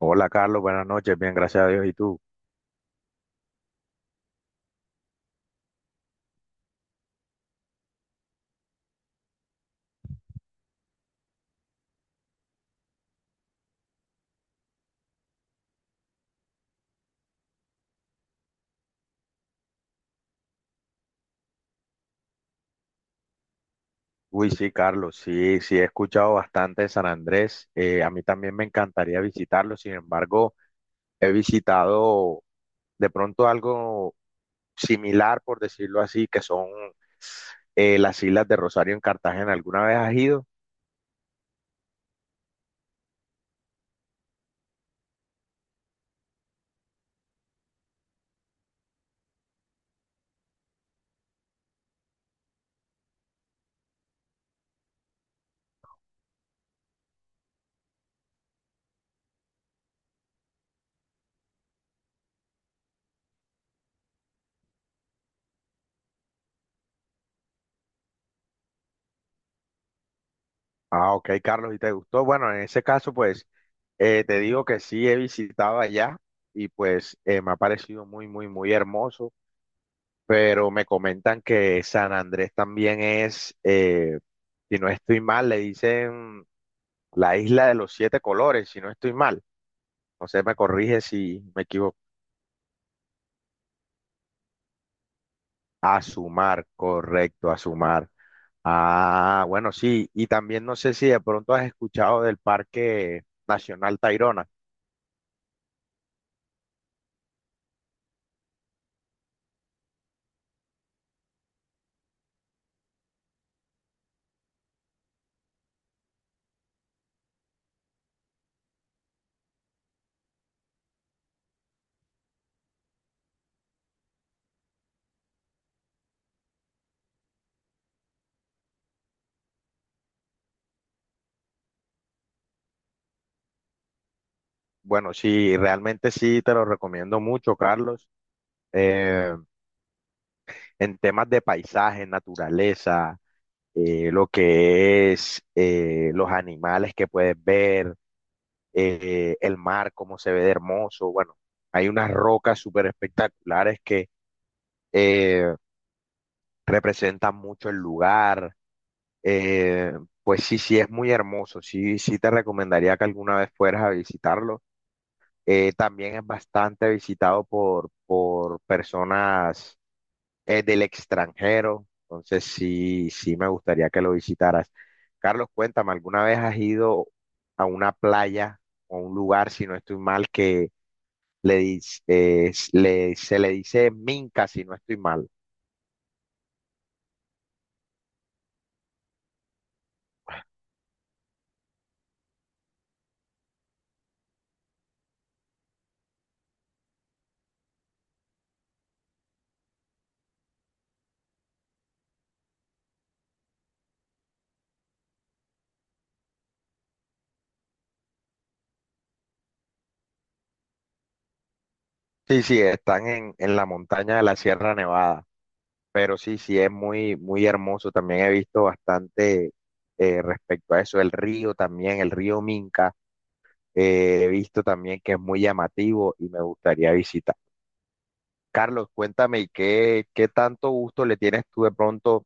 Hola Carlos, buenas noches, bien, gracias a Dios. ¿Y tú? Uy, sí, Carlos, sí, sí, he escuchado bastante de San Andrés. A mí también me encantaría visitarlo. Sin embargo, he visitado de pronto algo similar, por decirlo así, que son las Islas de Rosario en Cartagena. ¿Alguna vez has ido? Ah, ok, Carlos, ¿y te gustó? Bueno, en ese caso, pues te digo que sí, he visitado allá, y pues me ha parecido muy, muy, muy hermoso. Pero me comentan que San Andrés también es, si no estoy mal, le dicen la isla de los siete colores, si no estoy mal. No sé, me corrige si me equivoco. Azumar, correcto, Azumar. Ah, bueno, sí, y también no sé si de pronto has escuchado del Parque Nacional Tayrona. Bueno, sí, realmente sí, te lo recomiendo mucho, Carlos. Eh, en temas de paisaje, naturaleza, lo que es los animales que puedes ver, el mar, cómo se ve de hermoso. Bueno, hay unas rocas súper espectaculares que eh, representan mucho el lugar. Eh, pues sí, sí, es muy hermoso. Sí, sí te recomendaría que alguna vez fueras a visitarlo. También es bastante visitado por personas del extranjero. Entonces sí, sí me gustaría que lo visitaras. Carlos, cuéntame, ¿alguna vez has ido a una playa o un lugar, si no estoy mal, que se le dice Minca, si no estoy mal? Sí, sí, están en la montaña de la Sierra Nevada, pero sí, sí, es muy, muy hermoso. También he visto bastante respecto a eso, el río también, el río Minca. He visto también que es muy llamativo y me gustaría visitar. Carlos, cuéntame, ¿qué tanto gusto le tienes tú de pronto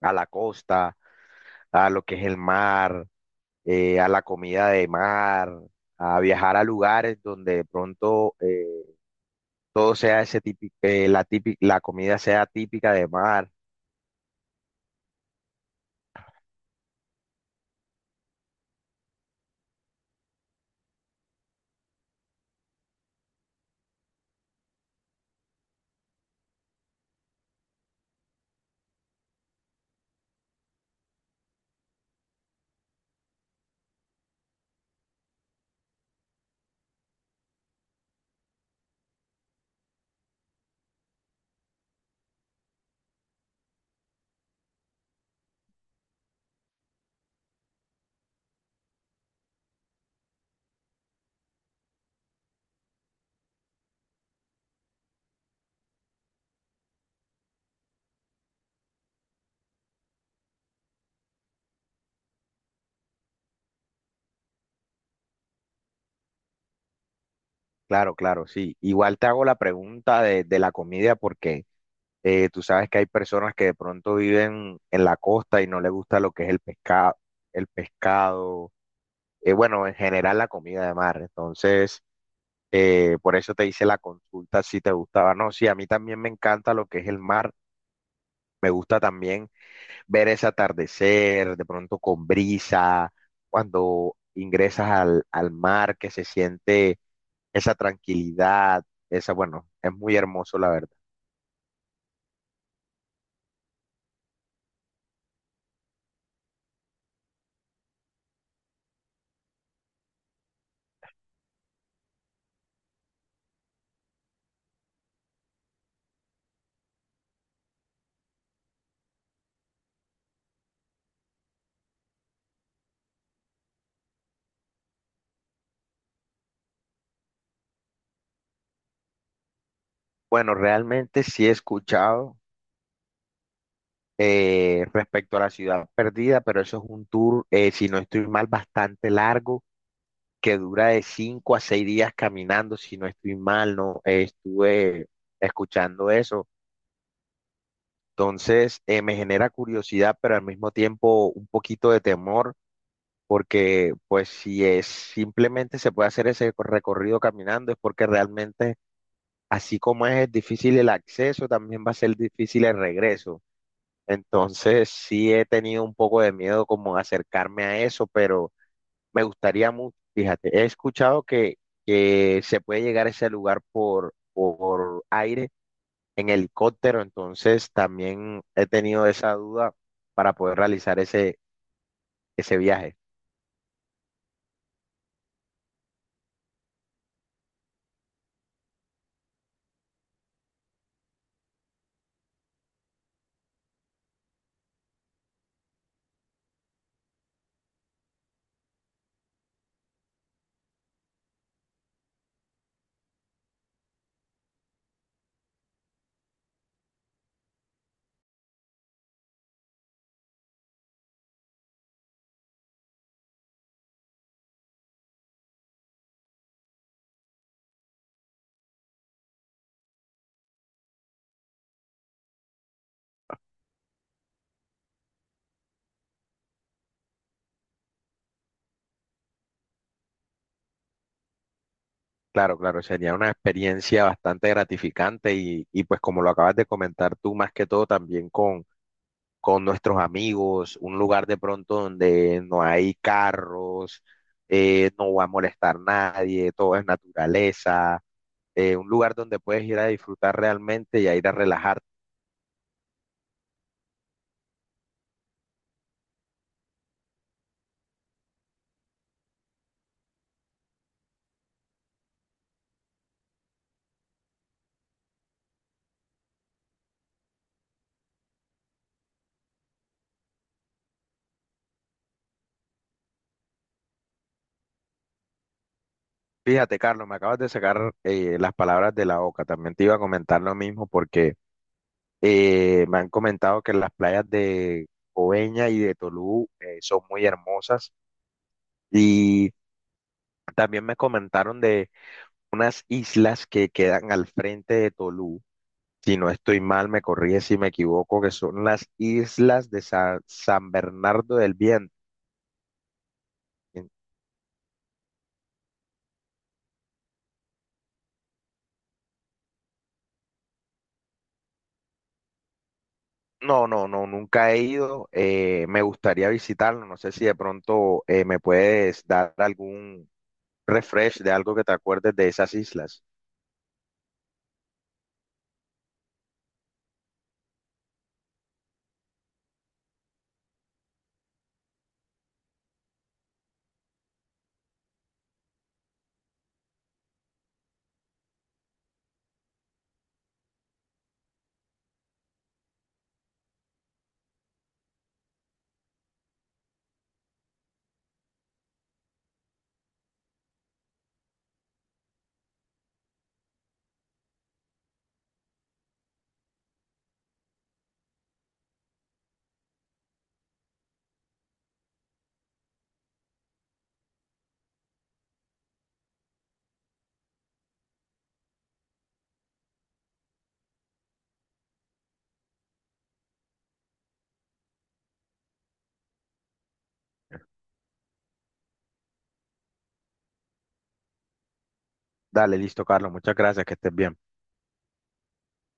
a la costa, a lo que es el mar, a la comida de mar, a viajar a lugares donde de pronto todo sea ese típico, la típica, la comida sea típica de mar? Claro, claro, sí. Igual te hago la pregunta de la comida, porque tú sabes que hay personas que de pronto viven en la costa y no les gusta lo que es el pescado, bueno, en general la comida de mar. Entonces. Por eso te hice la consulta, si te gustaba. No, sí, a mí también me encanta lo que es el mar. Me gusta también ver ese atardecer, de pronto con brisa, cuando ingresas al mar, que se siente esa tranquilidad, esa, bueno, es muy hermoso, la verdad. Bueno, realmente sí he escuchado respecto a la ciudad perdida. Pero eso es un tour, si no estoy mal, bastante largo, que dura de 5 a 6 días caminando, si no estoy mal, no. Estuve escuchando eso. Entonces, me genera curiosidad, pero al mismo tiempo un poquito de temor, porque pues si es simplemente se puede hacer ese recorrido caminando, es porque realmente, así como es difícil el acceso, también va a ser difícil el regreso. Entonces, sí he tenido un poco de miedo, como acercarme a eso, pero me gustaría mucho. Fíjate, he escuchado que se puede llegar a ese lugar por aire en helicóptero. Entonces también he tenido esa duda para poder realizar ese viaje. Claro, claro, sería una experiencia bastante gratificante, y pues como lo acabas de comentar tú, más que todo también con nuestros amigos. Un lugar de pronto donde no hay carros, no va a molestar nadie, todo es naturaleza, un lugar donde puedes ir a disfrutar realmente y a ir a relajarte. Fíjate, Carlos, me acabas de sacar las palabras de la boca. También te iba a comentar lo mismo, porque me han comentado que las playas de Coveña y de Tolú son muy hermosas, y también me comentaron de unas islas que quedan al frente de Tolú. Si no estoy mal, me corrige si me equivoco, que son las islas de San Bernardo del Viento. No, no, no, nunca he ido. Me gustaría visitarlo. No sé si de pronto me puedes dar algún refresh de algo que te acuerdes de esas islas. Dale, listo, Carlos. Muchas gracias, que estés bien.